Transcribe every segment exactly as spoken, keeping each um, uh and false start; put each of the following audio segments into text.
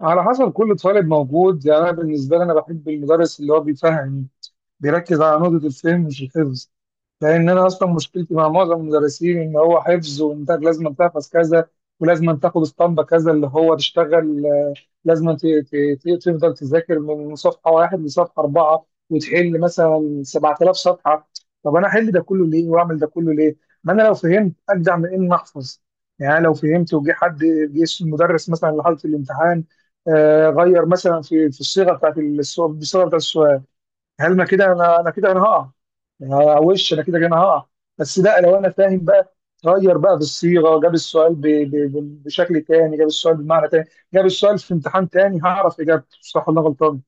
على حسب كل طالب موجود. يعني انا بالنسبه لي انا بحب المدرس اللي هو بيفهم، بيركز على نقطه الفهم مش الحفظ. لان انا اصلا مشكلتي مع معظم المدرسين ان هو حفظ وانت لازم تحفظ كذا ولازم تاخد اسطمبه كذا اللي هو تشتغل. لازم ت- ت- ت- تفضل تذاكر من صفحه واحد لصفحه اربعه وتحل مثلا سبعة آلاف صفحه. طب انا احل ده كله ليه واعمل ده كله ليه؟ ما انا لو فهمت اجدع من اني احفظ. يعني أنا لو فهمت وجه حد، جه المدرس مثلا لحاله الامتحان، آه، غير مثلا في في الصيغه بتاعت السؤال- الصيغه بتاعت السؤال، هل ما كده انا انا كده انا هقع؟ انا وش انا كده انا هقع. بس لا، لو انا فاهم بقى، غير بقى في الصيغه، جاب السؤال ب... ب... ب- بشكل تاني، جاب السؤال بمعنى تاني، جاب السؤال في امتحان تاني هعرف اجابته صح ولا غلطان.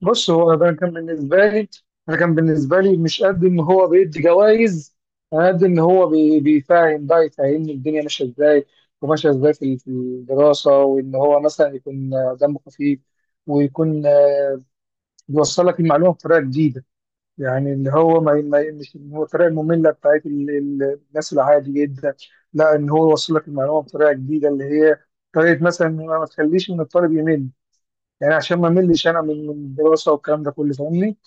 بص هو ده كان بالنسبه لي، انا كان بالنسبه لي مش قد ان هو بيدي جوائز، انا قد ان هو بي... بيفهم بقى، يفهمني الدنيا ماشيه ازاي، وماشيه ازاي في في الدراسه، وان هو مثلا يكون دمه خفيف، ويكون بيوصل لك المعلومه بطريقه جديده. يعني اللي هو ما ما- مش إن هو الطريقه الممله بتاعت ال- ال- الناس العادي جدا. لا ان هو يوصل لك المعلومه بطريقه جديده، اللي هي طريقه مثلا إن أنا ما تخليش من الطالب يمل. يعني عشان ما ملش انا من من الدراسه والكلام ده كله، فاهمني؟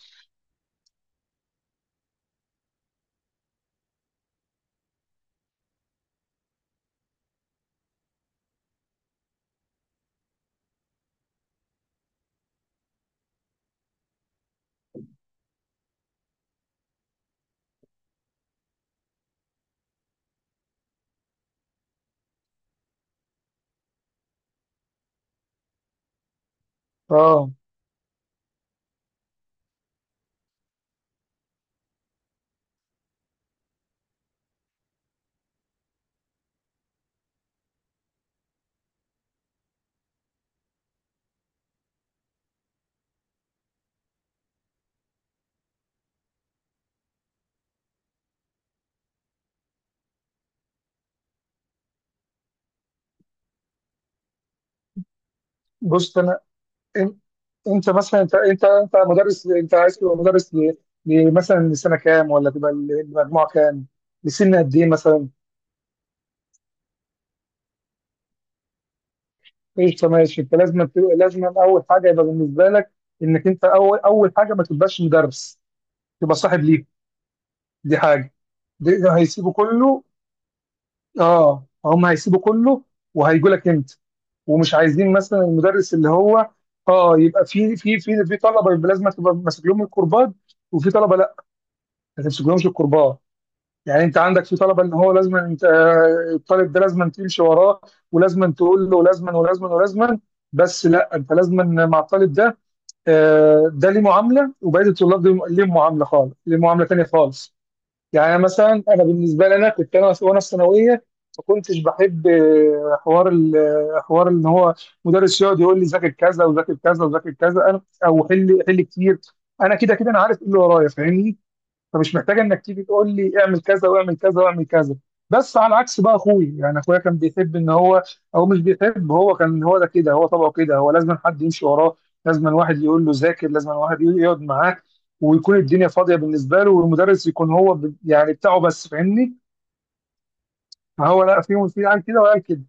اه. بص انا، إن- انت مثلا، انت انت انت مدرس، انت عايز تبقى مدرس ل- ل- مثلا لسنه كام، ولا تبقى المجموعه كام؟ لسن قد ايه مثلا؟ ايش، ماشي. انت لازم تبقى- لازم اول حاجه يبقى بالنسبه لك، انك انت اول اول حاجه ما تبقاش مدرس، يبقى صاحب ليهم. دي حاجه. دي هيسيبوا كله. اه، هم هيسيبوا كله وهيجوا لك انت، ومش عايزين مثلا المدرس اللي هو، اه يبقى في في في في طلبه، يبقى لازم تبقى ماسك لهم الكربات، وفي طلبه لا، ما تمسكلهمش الكربات. يعني انت عندك في طلبه ان هو لازم انت، آه، الطالب ده لازم تمشي وراه، ولازم تقول له لازما ولازما ولازما. بس لا، انت لازما مع الطالب ده، آه، ده ليه معامله، وبقيه الطلاب دي ليهم معامله خالص، ليه معامله تانيه خالص. يعني مثلا انا بالنسبه لي، انا كنت انا وانا في ثانويه، ما كنتش بحب آه، حوار ال- آه، حوار ان هو مدرس يقعد يقول لي ذاكر كذا وذاكر كذا وذاكر كذا، انا، او حل حل كتير. انا كده كده انا عارف ايه اللي ورايا، فاهمني؟ فمش محتاج انك تيجي تقول لي اعمل كذا واعمل كذا واعمل كذا. بس على عكس بقى اخوي، يعني اخويا، كان بيحب ان هو، او مش بيحب، هو كان هو ده كده، هو طبعه كده، هو لازم حد يمشي وراه، لازم واحد يقول له ذاكر، لازم واحد يقعد معاك، ويكون الدنيا فاضيه بالنسبه له، والمدرس يكون هو ب- يعني بتاعه بس، فاهمني؟ فهو لا، في في قال كده وقال كده.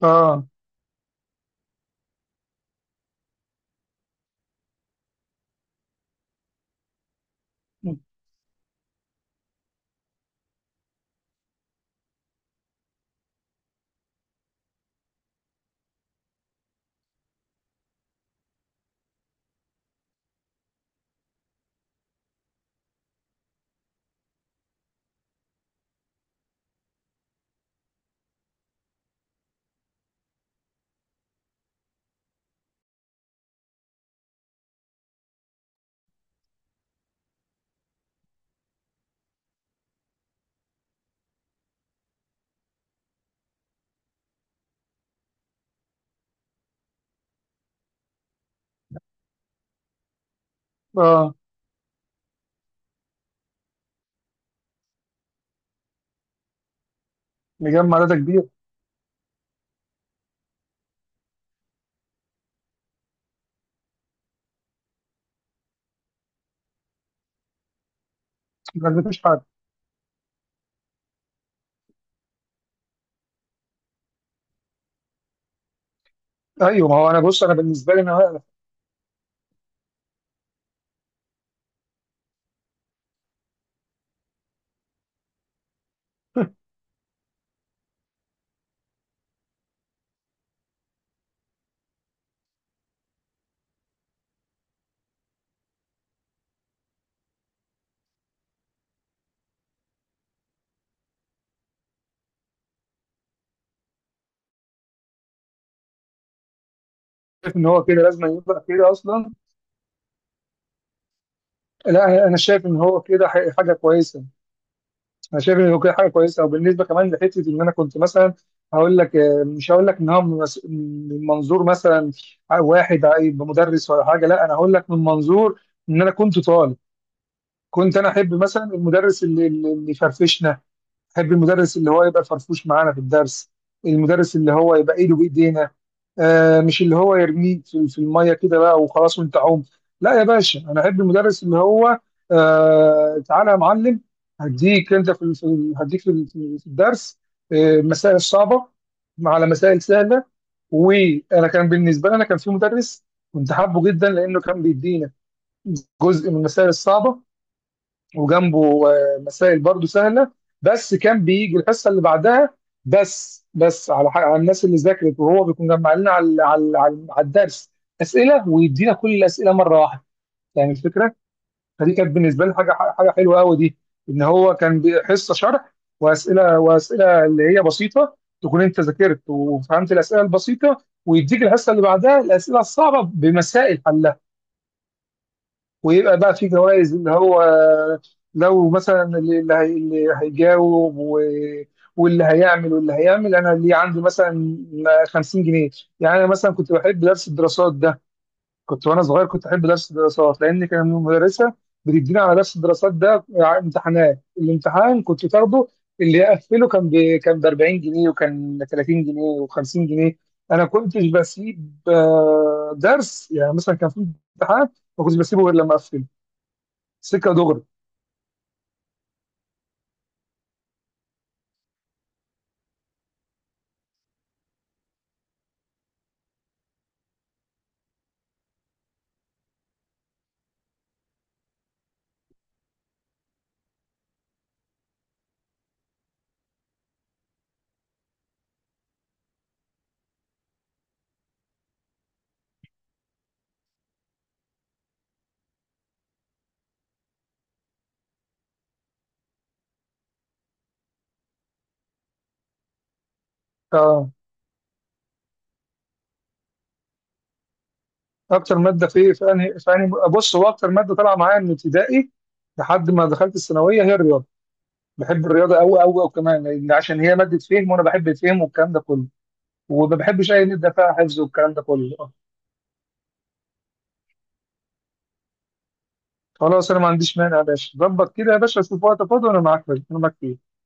اه. اه، مجمع داتا كبير. لازم، مفيش حد. ايوه، ما هو انا، بص انا بالنسبه لي، انا شايف ان هو كده لازم يبقى كده اصلا. لا انا شايف ان هو كده ح- حاجه كويسه. انا شايف ان كده حاجه كويسه. وبالنسبه كمان لحته ان انا كنت مثلا، هقول لك، آه، مش هقول لك ان هو من مس- من منظور مثلا واحد هيبقى مدرس ولا حاجه، لا انا هقول لك من منظور ان انا كنت طالب. كنت انا احب مثلا المدرس اللي اللي اللي يفرفشنا، احب المدرس اللي هو يبقى فرفوش معانا في الدرس، المدرس اللي هو يبقى ايده بايدينا. آه، مش اللي هو يرميك في في الميه كده بقى وخلاص وانت عوم. لا يا باشا، انا احب المدرس اللي هو، آه، تعالى يا معلم، هديك انت في في- هديك في في- في الدرس آه مسائل صعبه، على مسائل سهله. وانا كان بالنسبه لي، انا كان في مدرس كنت حابه جدا لانه كان بيدينا جزء من المسائل الصعبه، وجنبه آه، مسائل برضو سهله، بس كان بيجي الحصه اللي بعدها، بس بس على حق، على الناس اللي ذاكرت. وهو بيكون جمع لنا على على على على الدرس اسئله، ويدينا كل الاسئله مره واحده. يعني الفكره، فدي كانت بالنسبه لي حاجه، حاجه حلوه قوي دي. ان هو كان بي- حصه شرح واسئله، واسئله اللي هي بسيطه تكون انت ذاكرت وفهمت الاسئله البسيطه، ويديك الحصه اللي بعدها الاسئله الصعبه بمسائل حلها. ويبقى بقى في جوائز، اللي هو لو مثلا اللي اللي هي- اللي هيجاوب و... واللي هيعمل، واللي هيعمل انا اللي عندي مثلا خمسين جنيه. يعني انا مثلا كنت بحب درس الدراسات ده، كنت وانا صغير كنت احب درس الدراسات، لان كان المدرسه بتدينا على درس الدراسات ده ع- امتحانات، الامتحان كنت تاخده، اللي يقفله كان ب... كان ب اربعين جنيه، وكان تلاتين جنيه و50 جنيه. انا كنتش بسيب آه، درس، يعني مثلا كان في امتحان، ما كنتش بسيبه غير لما اقفله، سكه دغري. اه، اكتر ماده في ايه، في انهي في انهي بص، هو اكتر ماده طالعه معايا من ابتدائي لحد ما دخلت الثانويه هي الرياضه. بحب الرياضه قوي قوي قوي، كمان لان عشان هي ماده فهم وانا بحب الفهم والكلام ده كله، وما بحبش اي ندى فيها حفظ والكلام ده كله آه. خلاص، انا ما عنديش مانع يا باشا، ظبط كده يا باشا، شوف وقت فاضي وانا معاك، انا معاك فيه.